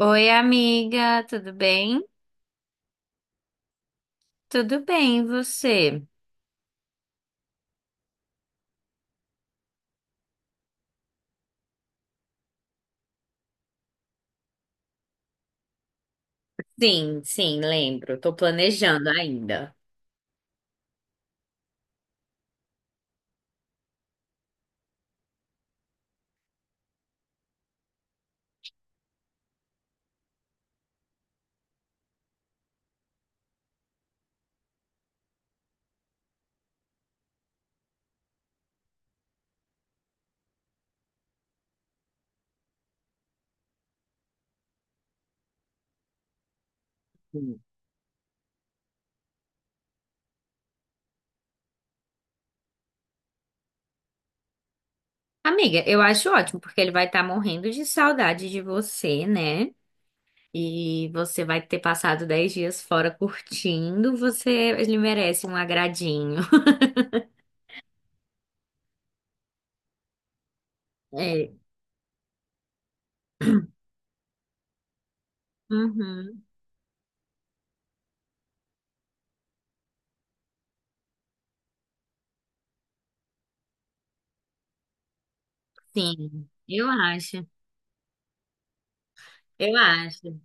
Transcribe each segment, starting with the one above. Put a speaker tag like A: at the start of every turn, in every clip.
A: Oi, amiga, tudo bem? Tudo bem, e você? Sim, sim, lembro. Tô planejando ainda. Sim. Amiga, eu acho ótimo, porque ele vai estar morrendo de saudade de você, né? E você vai ter passado 10 dias fora curtindo, você, ele merece um agradinho. É. Uhum, sim, eu acho. Eu acho.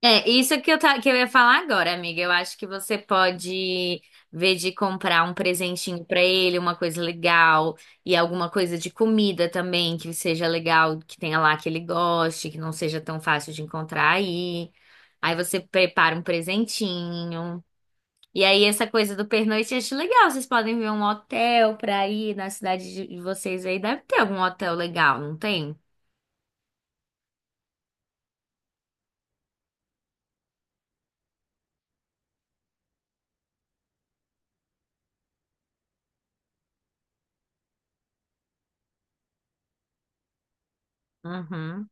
A: É, isso que eu, que eu ia falar agora, amiga. Eu acho que você pode ver de comprar um presentinho pra ele, uma coisa legal, e alguma coisa de comida também que seja legal, que tenha lá que ele goste, que não seja tão fácil de encontrar aí. Aí você prepara um presentinho. E aí essa coisa do pernoite eu acho legal. Vocês podem ver um hotel pra ir na cidade de vocês aí. Deve ter algum hotel legal, não tem? Uhum.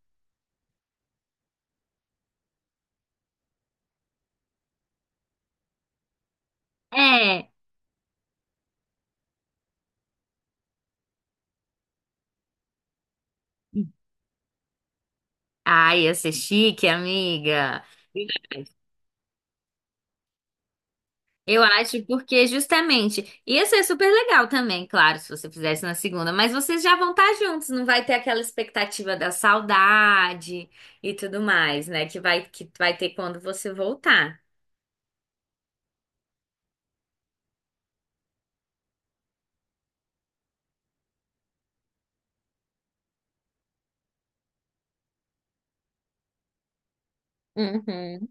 A: É. Ai, ia ser chique, amiga. Eu acho porque justamente ia ser super legal também, claro, se você fizesse na segunda, mas vocês já vão estar juntos, não vai ter aquela expectativa da saudade e tudo mais, né? Que vai ter quando você voltar. Uhum.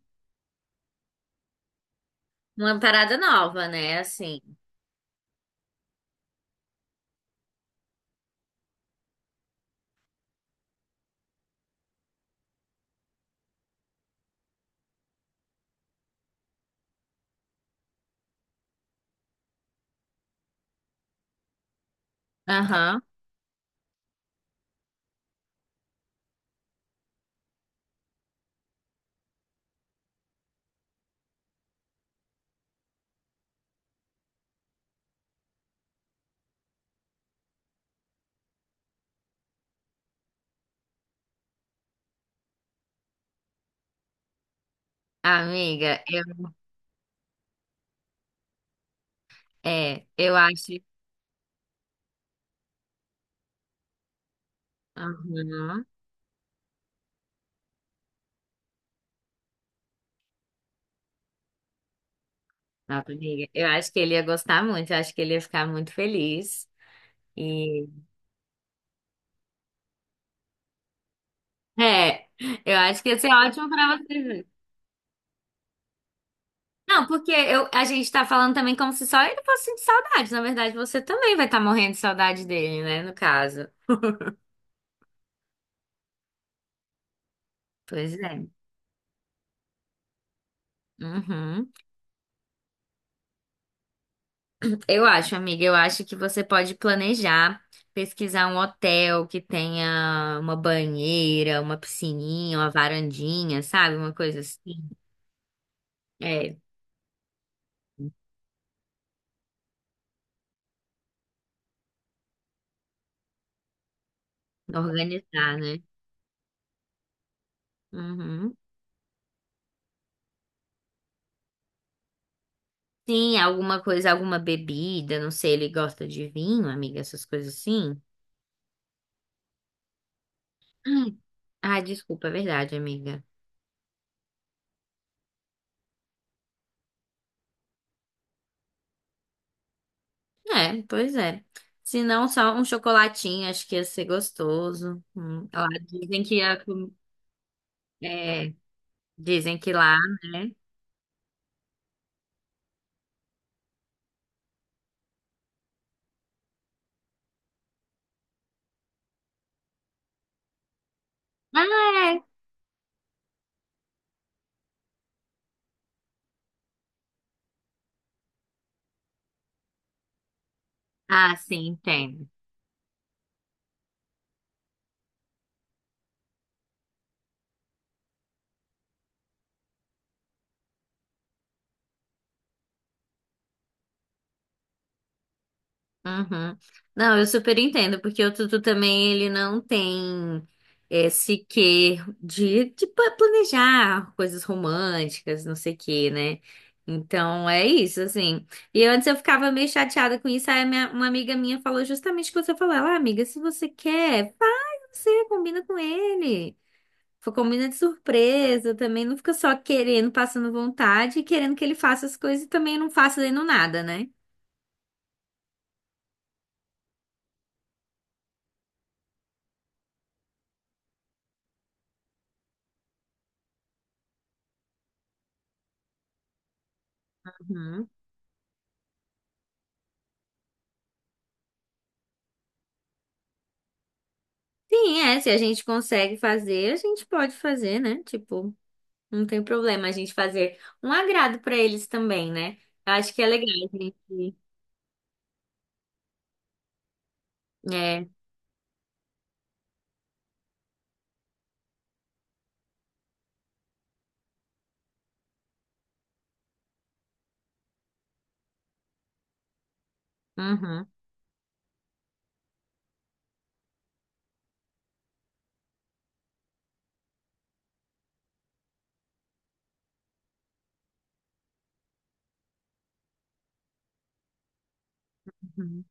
A: Uma parada nova, né? Assim. Aham. Amiga, eu acho. Aham. Nossa, amiga, eu acho que ele ia gostar muito, eu acho que ele ia ficar muito feliz. E é, eu acho que ia ser ótimo pra você. Não, porque eu, a gente tá falando também como se só ele fosse sentir saudade. Na verdade, você também vai estar morrendo de saudade dele, né? No caso. Pois é. Uhum. Eu acho, amiga, eu acho que você pode planejar, pesquisar um hotel que tenha uma banheira, uma piscininha, uma varandinha, sabe? Uma coisa assim. É, organizar, né? Uhum. Sim, alguma coisa, alguma bebida, não sei, ele gosta de vinho, amiga, essas coisas assim. Hum. Ah, desculpa, é verdade, amiga. É, pois é. Se não, só um chocolatinho, acho que ia ser gostoso. Lá dizem que ia é, dizem que lá, né? Ah, é. Ah, sim, tem. Uhum. Não, eu super entendo, porque o Tutu também ele não tem esse quê de planejar coisas românticas, não sei o quê, né? Então é isso, assim. E antes eu ficava meio chateada com isso, aí a uma amiga minha falou justamente o que você falou. Ela, "Ah, amiga, se você quer, vai você combina com ele. Combina de surpresa também, não fica só querendo, passando vontade e querendo que ele faça as coisas e também não faça fazendo nada, né? Sim, é, se a gente consegue fazer, a gente pode fazer, né? Tipo, não tem problema a gente fazer um agrado pra eles também, né? Eu acho que é legal a gente. É, uhum, uhum,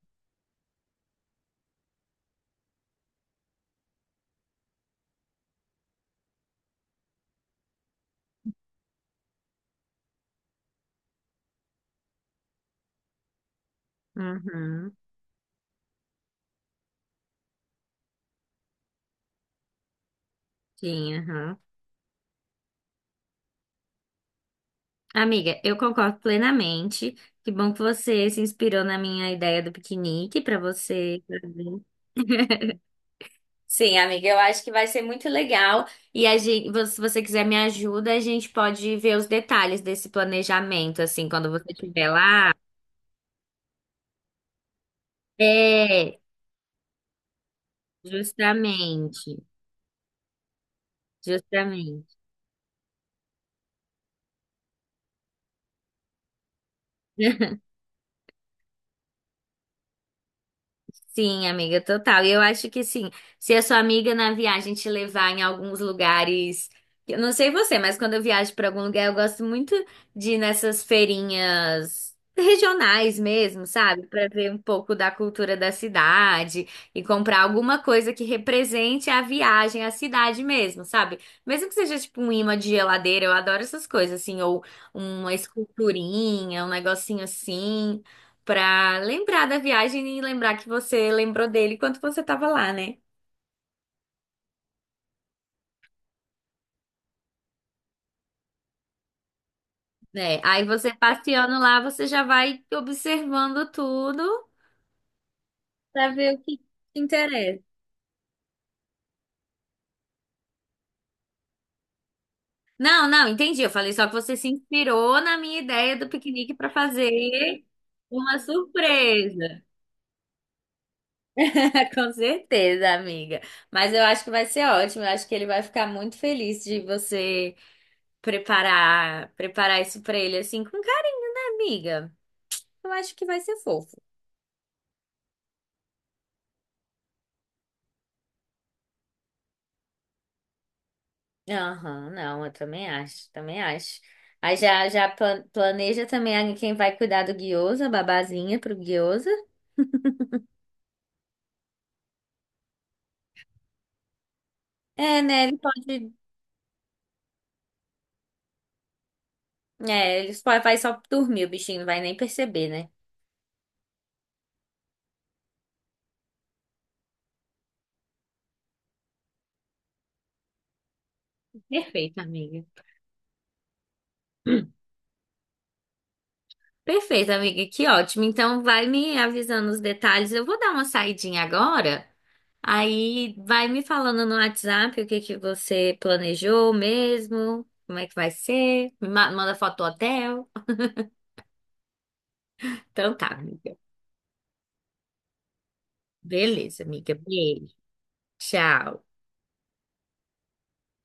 A: uhum, sim, uhum. Amiga, eu concordo plenamente. Que bom que você se inspirou na minha ideia do piquenique pra você fazer. Sim, amiga, eu acho que vai ser muito legal. E a gente, se você quiser me ajuda, a gente pode ver os detalhes desse planejamento, assim, quando você estiver lá. É, justamente, justamente. Sim, amiga, total. E eu acho que sim, se a sua amiga na viagem te levar em alguns lugares, eu não sei você, mas quando eu viajo para algum lugar, eu gosto muito de ir nessas feirinhas regionais mesmo, sabe? Para ver um pouco da cultura da cidade e comprar alguma coisa que represente a viagem, a cidade mesmo, sabe? Mesmo que seja tipo um imã de geladeira, eu adoro essas coisas assim, ou uma esculturinha, um negocinho assim pra lembrar da viagem e lembrar que você lembrou dele quando você tava lá, né? É, aí você passeando lá, você já vai observando tudo pra ver o que te interessa. Não, não, entendi. Eu falei só que você se inspirou na minha ideia do piquenique pra fazer uma surpresa. Com certeza, amiga. Mas eu acho que vai ser ótimo. Eu acho que ele vai ficar muito feliz de você preparar, preparar isso pra ele assim com cara, amiga. Eu acho que vai ser fofo. Aham, não, eu também acho, também acho. Aí já, já planeja também aí quem vai cuidar do guiosa, a babazinha pro guiosa. É, né? Ele pode. É, ele só vai só dormir, o bichinho não vai nem perceber, né? Perfeito, amiga. Hum. Perfeito, amiga, que ótimo. Então vai me avisando os detalhes. Eu vou dar uma saidinha agora. Aí vai me falando no WhatsApp o que que você planejou mesmo, como é que vai ser. Me manda foto do hotel. Então tá, amiga. Beleza, amiga. Beijo. Tchau.